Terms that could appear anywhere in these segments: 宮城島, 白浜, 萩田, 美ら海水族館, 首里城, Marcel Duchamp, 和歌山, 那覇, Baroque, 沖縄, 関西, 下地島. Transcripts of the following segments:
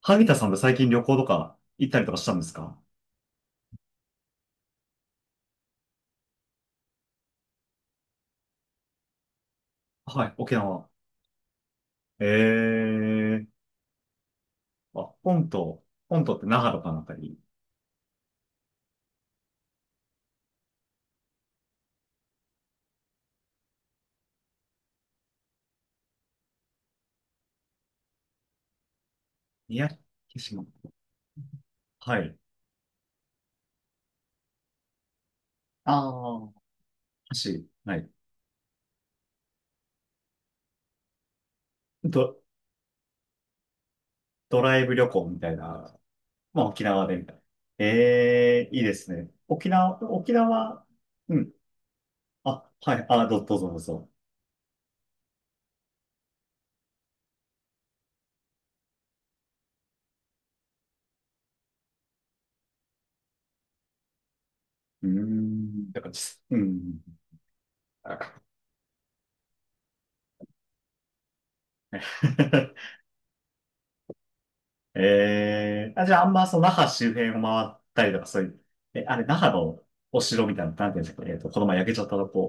萩田さんって最近旅行とか行ったりとかしたんですか？はい、沖縄。ええー。あ、本島。本島って那覇とかのあたり？宮城島。はい。ああ、橋。はい。ド、ドライブ旅行みたいな。まあ、沖縄でみたいな。ええー、いいですね。沖縄、沖縄。うん。あ、はい。あ、どうぞどうぞ。うーん。だから、うん。ええ、あ、じゃあ、あんま、その、那覇周辺を回ったりとか、そういう、え、あれ、那覇のお城みたいな、なんていうんですか、この前焼けちゃったとこ、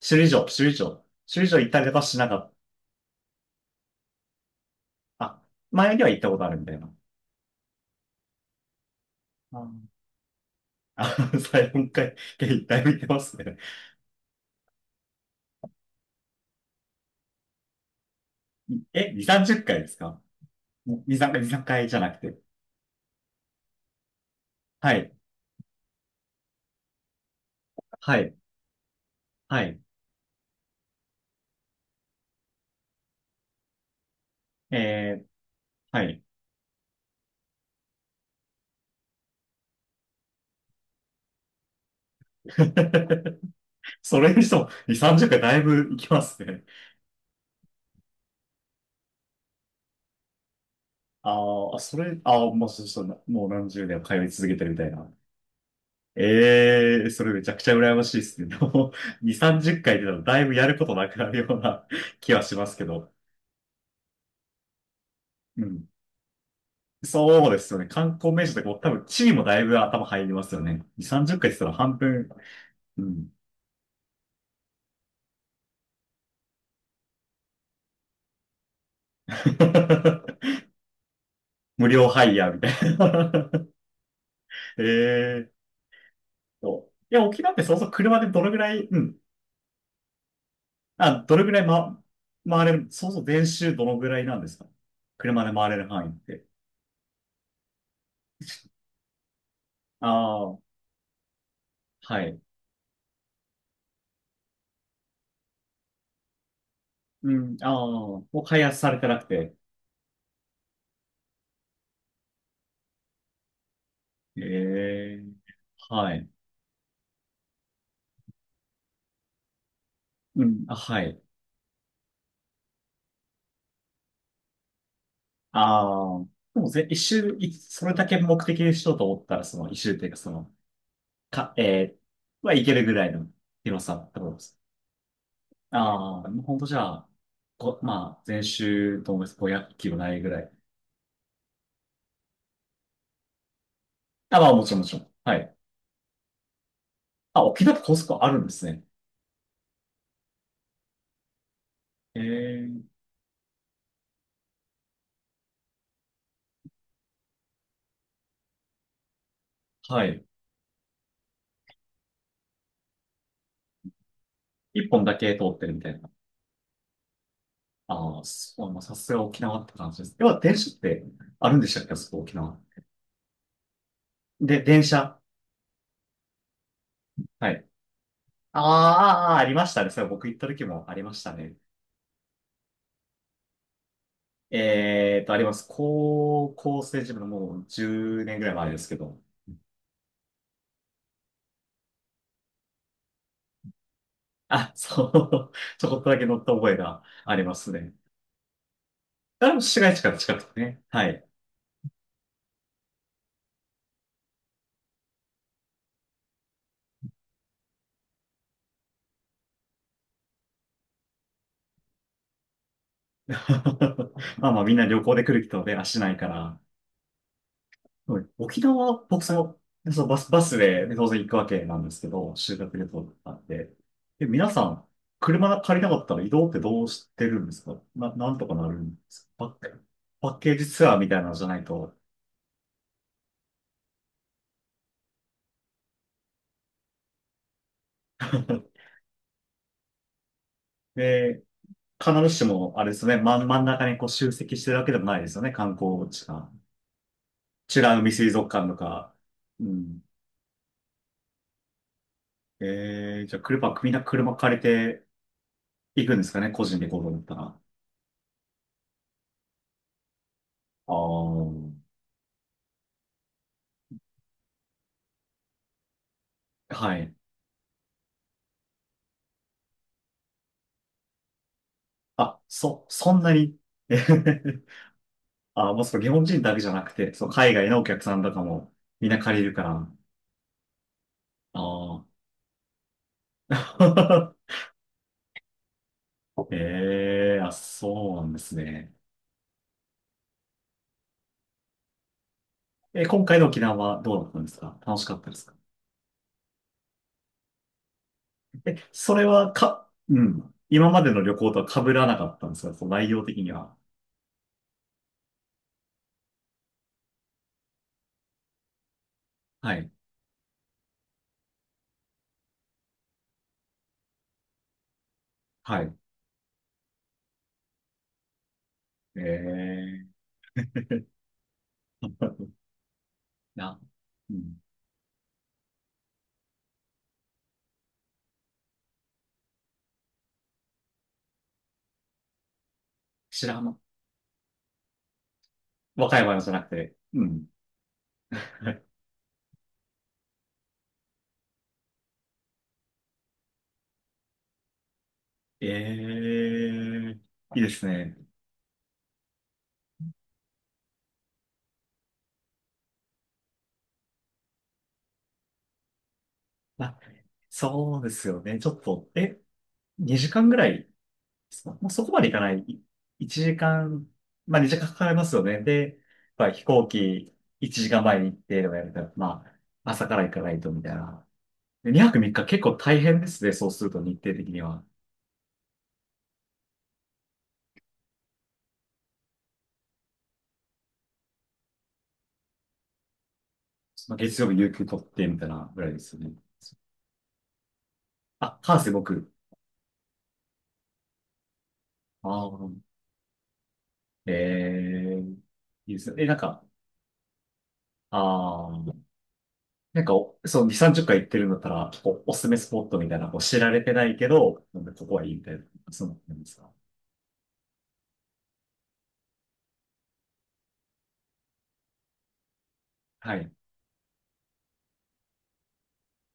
首里城、首里城、首里城行ったりとかしなかった。あ、前には行ったことあるみたいな。あー、あ、4回、一回見てますね。え、2、30回ですか？ 2、3回、2、3回じゃなくて。はい、はい、はい、えー、はい。それにしても、2、30回だいぶ行きますね。ああ、それ、ああ、もうそうそう、もう何十年も通い続けてるみたいな。ええ、それめちゃくちゃ羨ましいですね。でも2、30回でもだいぶやることなくなるような 気はしますけど。うん。そうですよね。観光名所とかも多分地理もだいぶ頭入りますよね。2、30回っかいって言ったら半分。うん。無料ハイヤーみたいな。ええいや、沖縄ってそうそう車でどのぐらい、うん。あ、どれぐらい、ま、回れる、そうそう、練習どのぐらいなんですか？車で回れる範囲って。ああ、はい。うん、ああ、もう開発されてなくて。ええ、はい。うん、あ、はい。ああ、でも一周、それだけ目的にしようと思ったら、その一周っていうか、その、か、えー、はいけるぐらいの広さってことです。ああ、もうほんとじゃあ、まあ、全周と思います。500キロないぐらい。あ、まあ、もちろんもちろん。はい。あ、沖縄って高速あるんですね。ええ、はい。一本だけ通ってるみたいな。ああ、そうまあ、さすが沖縄って感じです。要は電車ってあるんでしたっけ、あそこ沖縄。で、電車。はい。あー、ありましたね。それ僕行った時もありましたね。あります。高校生時分のもう10年ぐらい前ですけど。あ、そう。ちょこっとだけ乗った覚えがありますね。あれも市街地から近くてね。はい。まあまあみんな旅行で来る人で足ないから。はい。沖縄、僕その、でそのバスで当然行くわけなんですけど、修学旅行なんで。で、皆さん、車借りなかったら移動ってどうしてるんですかな。なんとかなるんですか？パッケージツアーみたいなのじゃないと。で、必ずしも、あれですね、真ん中にこう集積してるわけでもないですよね、観光地が。美ら海水族館とか。うん。じゃあ車、みんな車借りて行くんですかね、個人で行こうと思ったら。ああ、はい。あ、そんなに。えへへへあ、もうそう、日本人だけじゃなくて、そう、海外のお客さんとかもみんな借りるから。ああ。ええ、あ、そうなんですね。え、今回の沖縄はどうだったんですか？楽しかったですか？え、それはうん。今までの旅行とは被らなかったんですか？そう、内容的には。はい。はい。ええ。 な、うん。白浜。和歌山じゃなくて。うん。ええ、いいですね。あ、そうですよね。ちょっと、え、2時間ぐらいですか？まあ、そこまでいかない。1時間、まあ2時間かかりますよね。で、やっぱ飛行機1時間前に行ってとかやると、まあ朝から行かないとみたいな。で、2泊3日結構大変ですね。そうすると日程的には。まあ、月曜日有給取ってみたいなぐらいですよね。あ、関西僕。ああ、ええ、いいですね。え、なんか、ああ、なんかお、そう、2、30回行ってるんだったら、こう、おすすめスポットみたいな、こう、知られてないけど、なんかここはいいみたいな、その、なんですか。はい。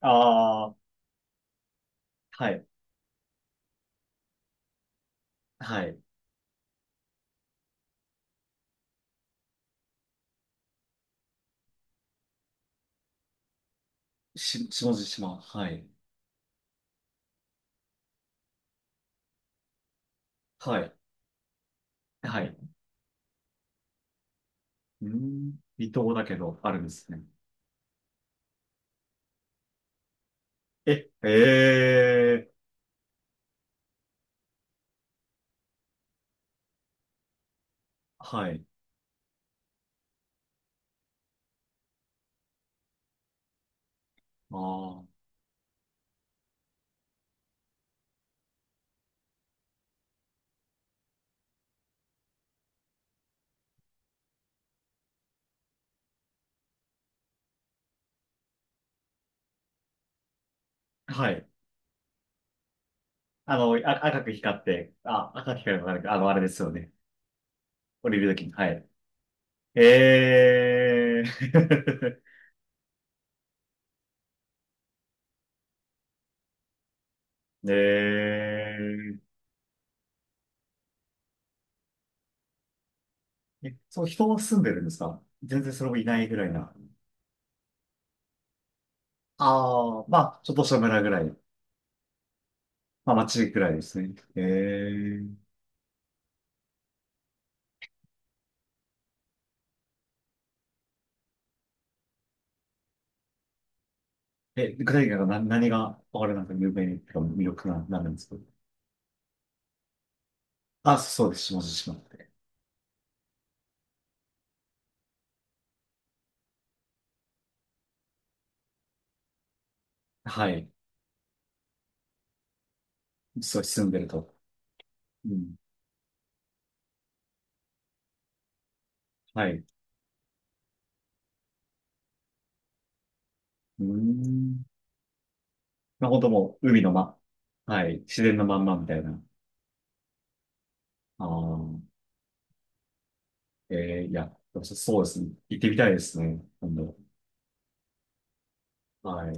ああ、はい、はい。下地島、はい、はい、はい。うーん、離島だけど、あるんですね。え、ええ、はい、ああ、はい。あ、赤く光って、あ、赤く光るのなんか、あれですよね。降りるときに、はい。ええ。 えええ、そう、人は住んでるんですか？全然それもいないぐらいな。ああ、まあ、ちょっとした村ぐらい。まあ、町ぐらいですね。具体的に何、が、あれなんか有名に、魅力な、なるんですか？あ、そうです。下地島って。はい。そう、住んでると。うん。はい。うーん。まあ、本当もう、海のま、はい。自然のまんまみたいな。ああ、いや、そうですね。行ってみたいですね。今度。はい。